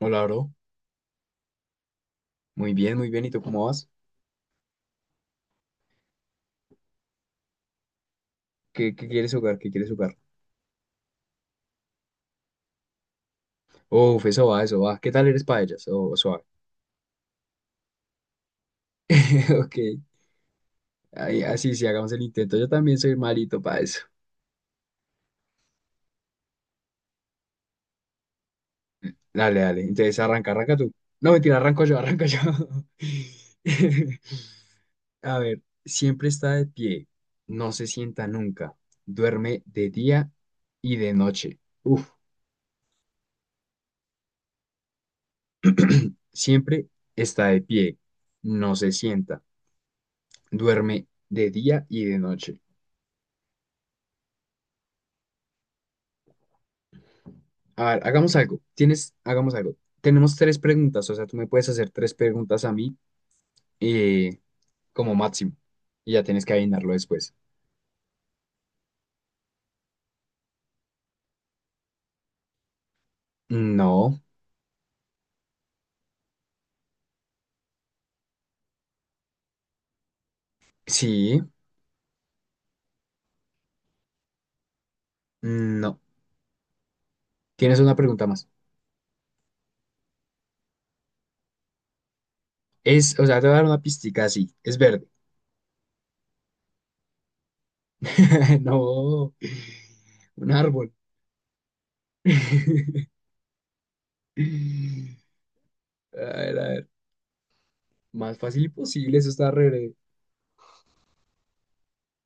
Hola, bro. Muy bien, muy bien. ¿Y tú cómo vas? ¿Qué quieres jugar? ¿Qué quieres jugar? Uf, eso va, eso va. ¿Qué tal eres para ellas? Oh, suave. Ok. Ahí, así, sí, hagamos el intento. Yo también soy malito para eso. Dale, dale. Entonces, arranca tú. No, mentira, arranco yo, arranco yo. A ver, siempre está de pie. No se sienta nunca. Duerme de día y de noche. Uf, siempre está de pie. No se sienta. Duerme de día y de noche. A ver, hagamos algo. Tienes, hagamos algo. Tenemos tres preguntas, o sea, tú me puedes hacer tres preguntas a mí eh, como máximo. Y ya tienes que adivinarlo después. No, sí, no. Tienes una pregunta más. Es, o sea, te voy a dar una pistica así. Es verde. No, un árbol. A ver, a ver. Más fácil posible, eso está re breve.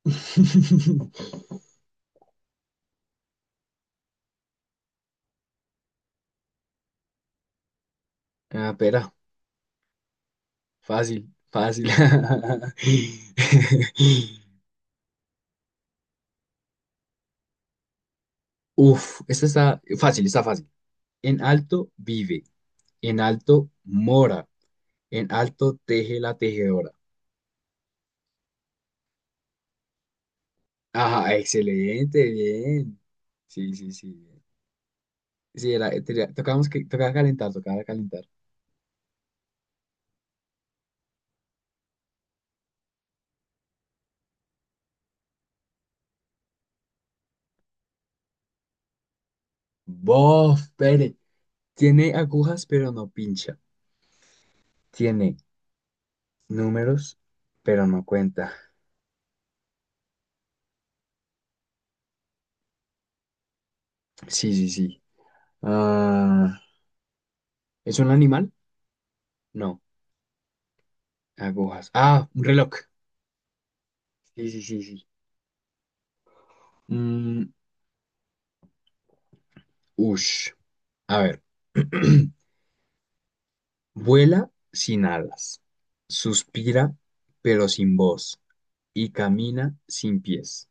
Ah, espera. Fácil, fácil. Uf, esta está fácil, está fácil. En alto vive, en alto mora, en alto teje la tejedora. Ajá, excelente, bien. Sí, sí, sí, bien. Sí, era, tenía- tocábamos que, tocaba calentar, tocaba calentar. Bof, pere. Tiene agujas, pero no pincha. Tiene números, pero no cuenta. Sí, sí, sí. Ah, ¿es un animal? No, agujas. Ah, un reloj. Sí, sí, sí, sí. Mm, ush. A ver. Vuela sin alas, suspira pero sin voz y camina sin pies.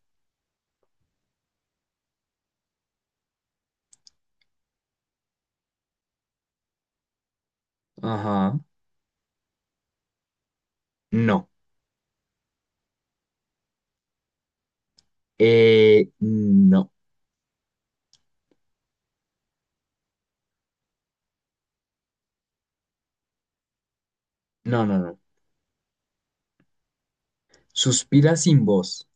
Ajá. No. No. No, no, no. Suspira sin voz.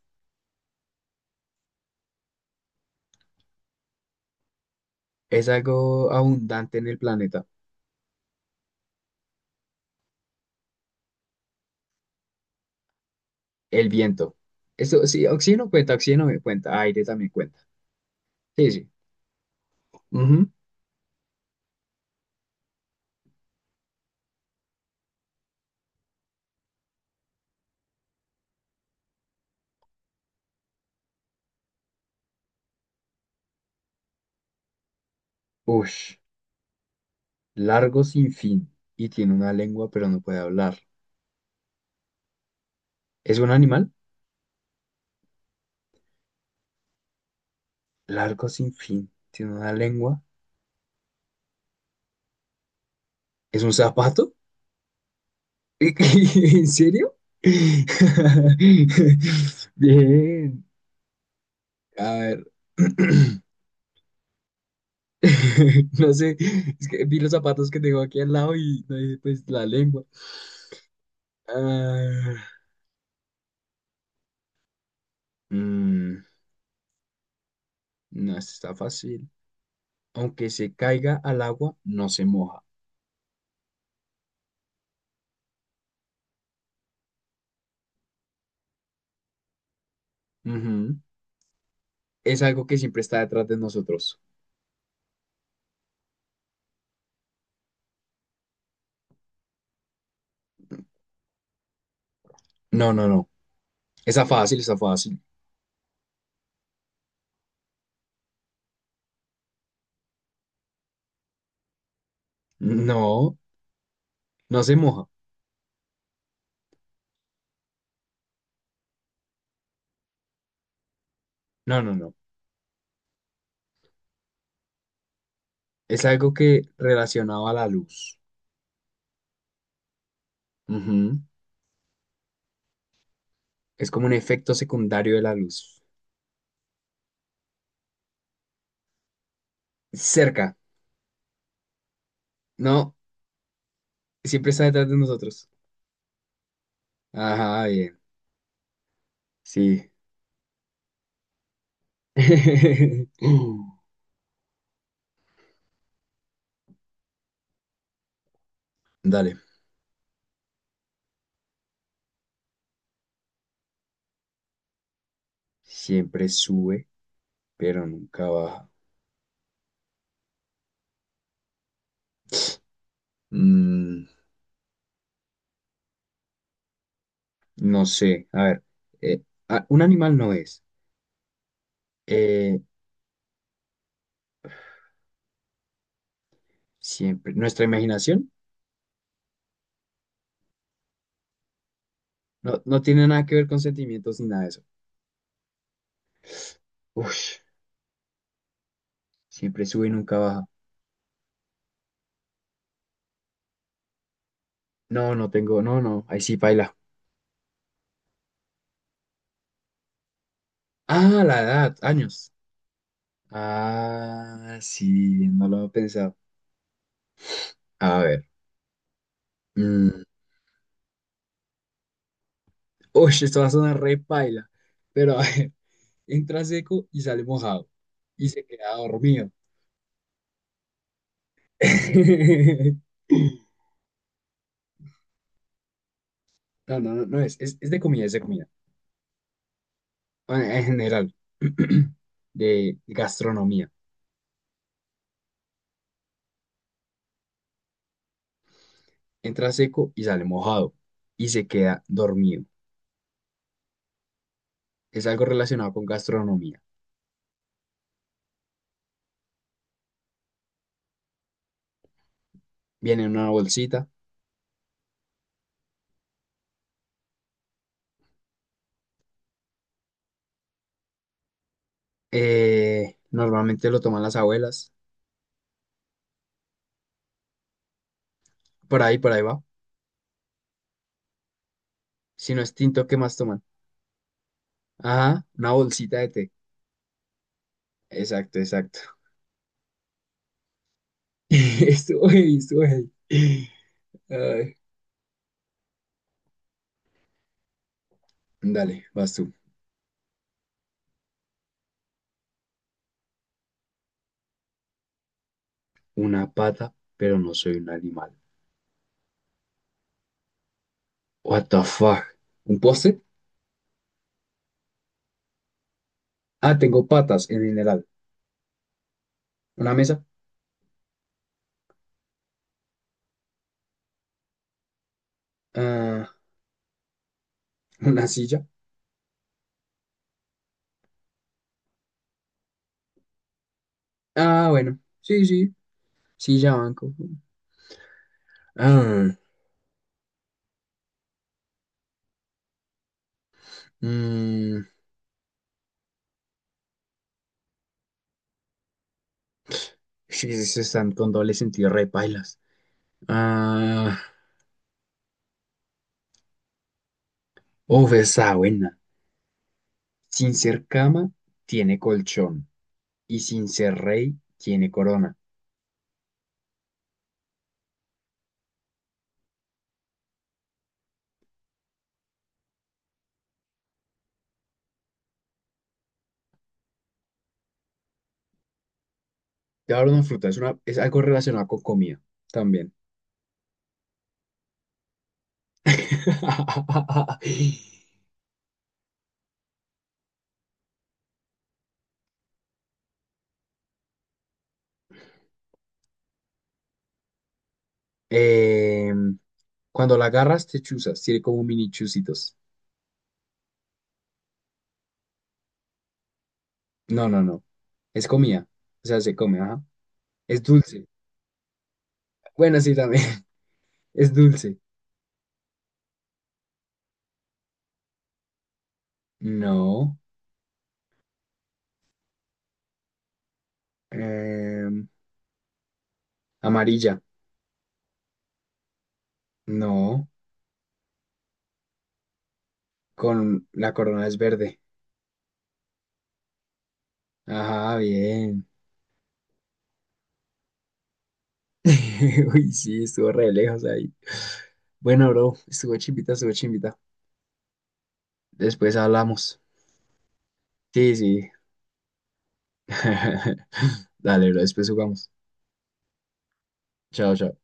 Es algo abundante en el planeta. El viento. Eso sí, oxígeno cuenta, oxígeno me cuenta, aire también cuenta. Sí, sí. Ujú. Ush. Largo sin fin y tiene una lengua pero no puede hablar. ¿Es un animal? Largo sin fin. Tiene una lengua. ¿Es un zapato? ¿En serio? Bien. A ver. No sé, es que vi los zapatos que tengo aquí al lado y no dije, pues la lengua. Ah, mm, no, esta está fácil. Aunque se caiga al agua, no se moja. Ujú. Es algo que siempre está detrás de nosotros. No, no, no. Está fácil, está fácil. No, no se moja. No, no, no. Es algo que relacionado a la luz. Es como un efecto secundario de la luz. Cerca. No, siempre está detrás de nosotros. Ajá, bien. Sí. Dale. Siempre sube, pero nunca baja. Mm, no sé. A ver. eh, ah, un animal no es. Eh, siempre. Nuestra imaginación no, no tiene nada que ver con sentimientos ni nada de eso. Uf, siempre sube y nunca baja. No, no tengo. No, no. Ahí sí baila. Ah, la edad. Años. Ah, sí, no lo había pensado. A ver. Mm, uy, esto va a sonar re paila. Pero a ver, entra seco y sale mojado. Y se queda dormido. No, no, no, no es de comida, es de comida. Bueno, en general, de gastronomía. Entra seco y sale mojado y se queda dormido. Es algo relacionado con gastronomía. Viene en una bolsita. Normalmente lo toman las abuelas. Por ahí va. Si no es tinto, ¿qué más toman? Ajá, una bolsita de té. Exacto, exacto. Estuvo ahí, estuvo ahí. Ay, dale, vas tú. Una pata, pero no soy un animal. What the fuck? ¿Un poste? Ah, tengo patas en general. ¿Una mesa? Ah, ¿una silla? Ah, bueno. Sí, sí. Silla, banco. Ah, mm, sí, sí, sí, están con doble sentido, re pailas. Ah, uf, esa buena. Sin ser cama, tiene colchón y sin ser rey tiene corona. Te voy a dar una fruta, es, una, es algo relacionado con comida también. Eh, cuando la agarras te chuzas, tiene como mini chuzitos. No, no, no. Es comida. O sea, se come, ajá. Es dulce. Bueno, sí, también. Es dulce. No. Eh, amarilla. No. Con la corona es verde. Ajá, bien. Uy, sí, estuvo re lejos ahí. Bueno, bro, estuvo chimbita, estuvo chimbita. Después hablamos. Sí, sí. Dale, bro, después jugamos. Chao, chao.